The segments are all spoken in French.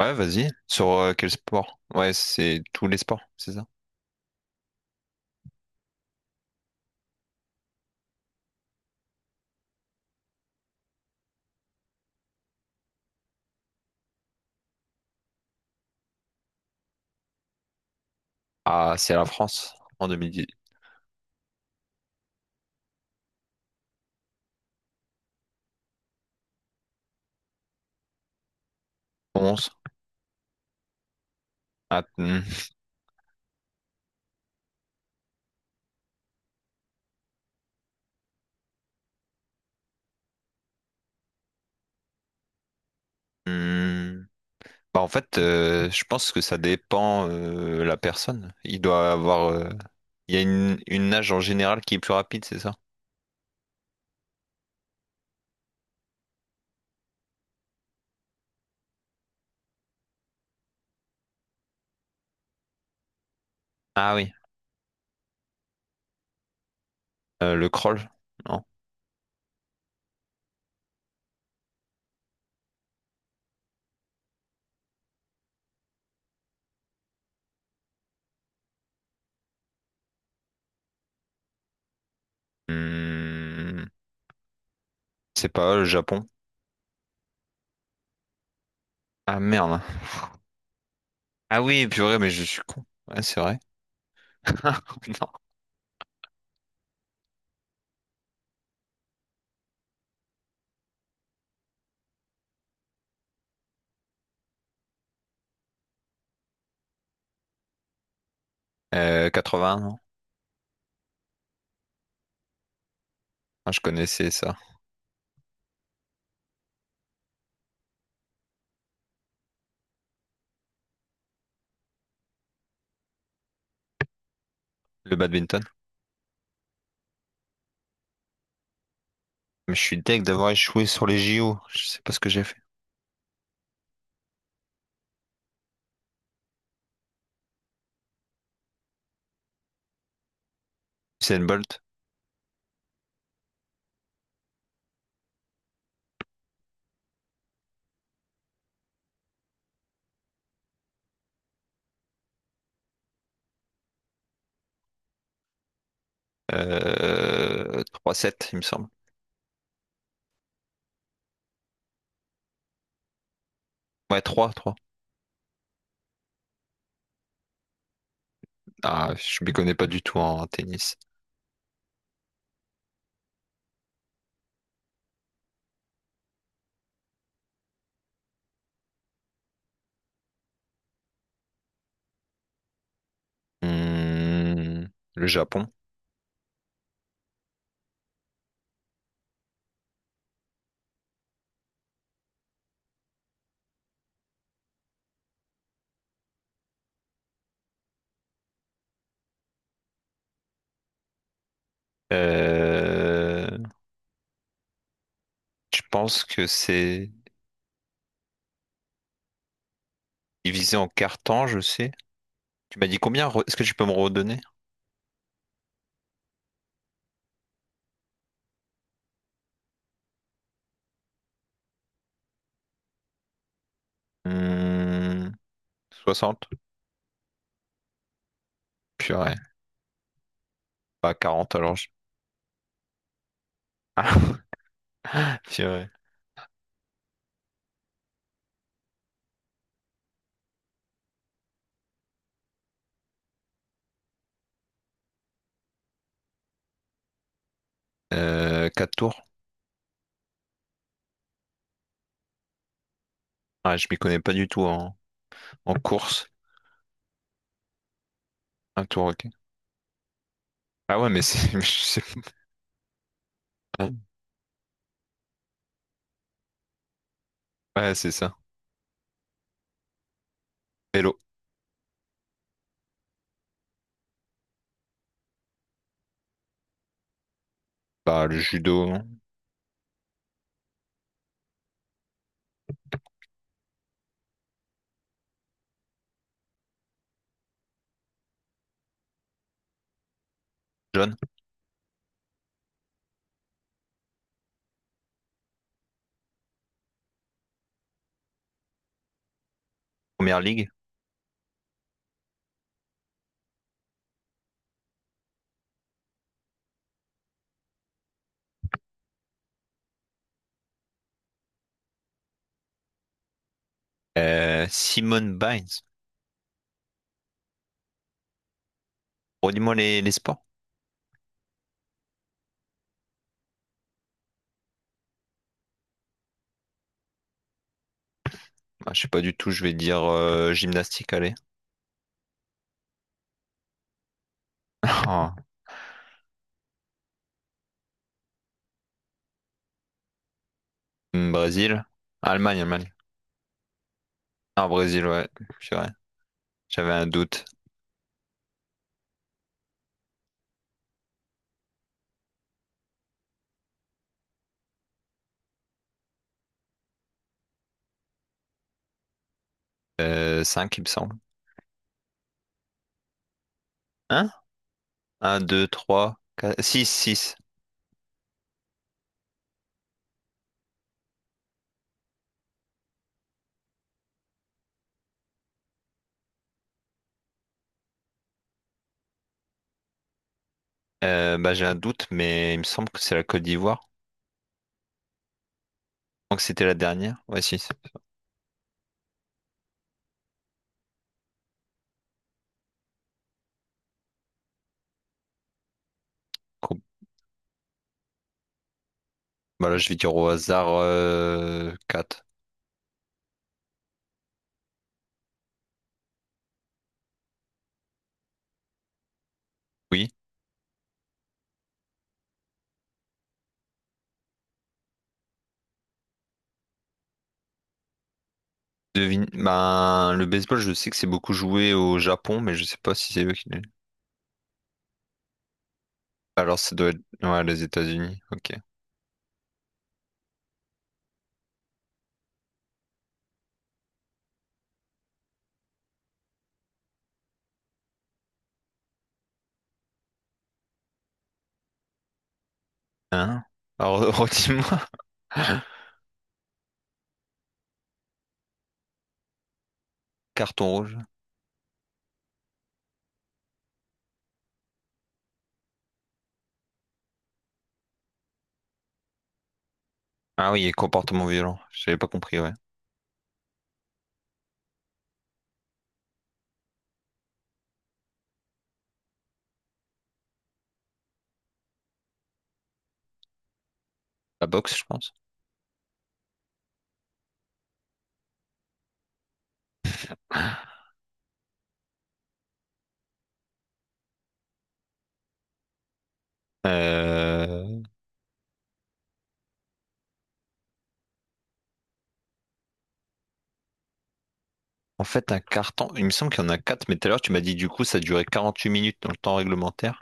Ouais, vas-y. Sur quel sport? Ouais, c'est tous les sports, c'est ça? Ah, c'est la France en 2011. Ah, hmm, hmm. Bah, en fait, je pense que ça dépend la personne. Il doit avoir. Il y a une nage en général qui est plus rapide, c'est ça? Ah oui. Le crawl? Non. Hmm, C'est pas le Japon. Ah merde. Ah oui, purée, mais je suis con. Ouais, c'est vrai. Non. Vingts non? Ah, je connaissais ça. Le badminton. Mais je suis deg d'avoir échoué sur les JO. Je sais pas ce que j'ai fait. Usain Bolt. 3-7, il me semble. Ouais, trois. Ah, je m'y connais pas du tout en tennis. Hmm, le Japon. Euh, je pense que c'est divisé en quarts temps, je sais. Tu m'as dit combien? Est-ce que tu peux me redonner? Hmm, 60? Purée. Pas 40 alors. Ah, purée. Quatre tours? Ah, je m'y connais pas du tout en course. Un tour, ok. Ah ouais, mais c'est. Je sais pas. Ouais, c'est ça. Hello. Bah, le judo. John. Première ligue. Simone Biles. Redis-moi les sports. Ah, je sais pas du tout, je vais dire gymnastique, allez. Ah, Brésil. Allemagne, Allemagne. Ah, Brésil, ouais. Purée. J'avais un doute. 5, il me semble. un, un 2 3, 4, 6 6. Bah, j'ai un doute, mais il me semble que c'est la Côte d'Ivoire. Donc c'était la dernière. Ouais, si, c'est ça. Coupe. Bah là, je vais dire au hasard 4. Oui. Devine. Bah, le baseball, je sais que c'est beaucoup joué au Japon, mais je sais pas si c'est eux qui. Alors ça doit être ouais, les États-Unis. Ok. Hein? Alors redis-moi. Carton rouge. Ah oui, et comportement violent. J'avais pas compris, ouais. La boxe, je pense. Euh, En fait, un carton. Il me semble qu'il y en a 4 mais tout à l'heure, tu m'as dit du coup, ça durait 48 minutes dans le temps réglementaire.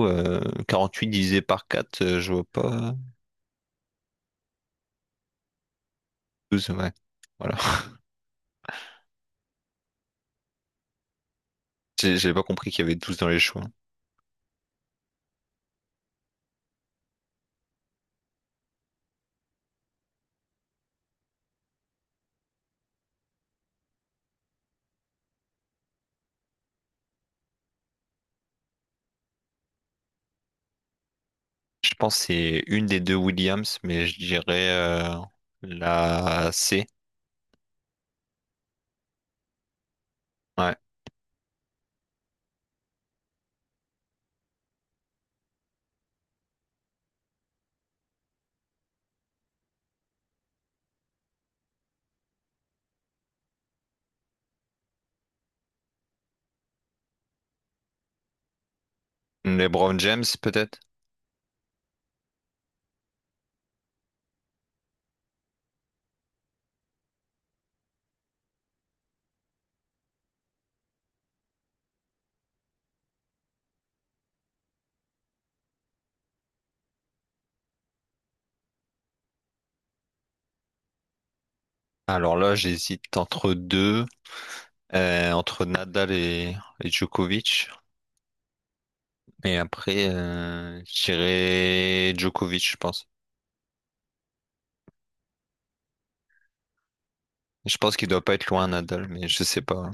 Euh, 48 divisé par 4, je vois pas. 12, ouais. Voilà. J'avais pas compris qu'il y avait 12 dans les choix. Je pense que c'est une des deux Williams, mais je dirais la C. Ouais. LeBron James, peut-être? Alors là, j'hésite entre deux, entre Nadal et Djokovic. Et après, je dirais Djokovic, je pense. Je pense qu'il doit pas être loin, Nadal, mais je sais pas.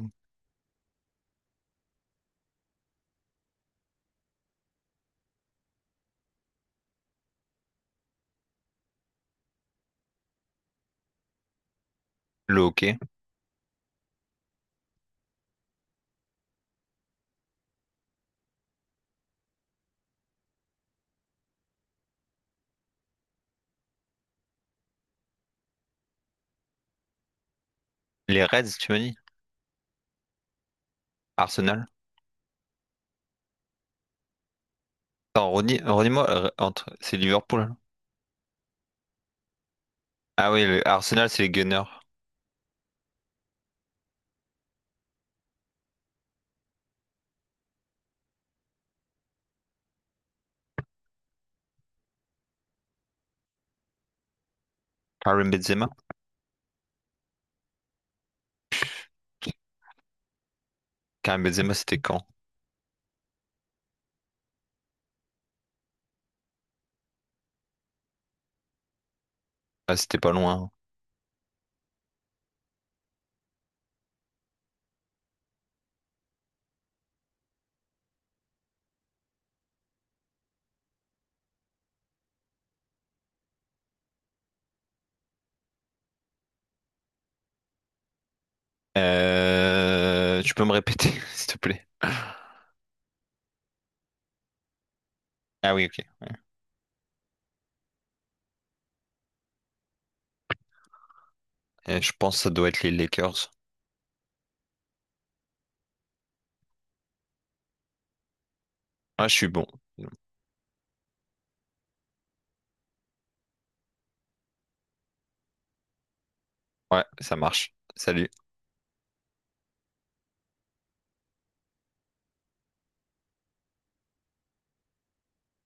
Le hockey. Les Reds, tu m'as dit? Arsenal? Attends, redis- moi entre... C'est Liverpool, hein. Ah oui, Arsenal, c'est les Gunners. Karim Benzema? Karim Benzema, c'était quand? Ah, c'était pas loin, hein. Tu peux me répéter, s'il te plaît? Ah oui, ok, ouais. Je pense que ça doit être les Lakers. Ah, je suis bon. Ouais, ça marche. Salut.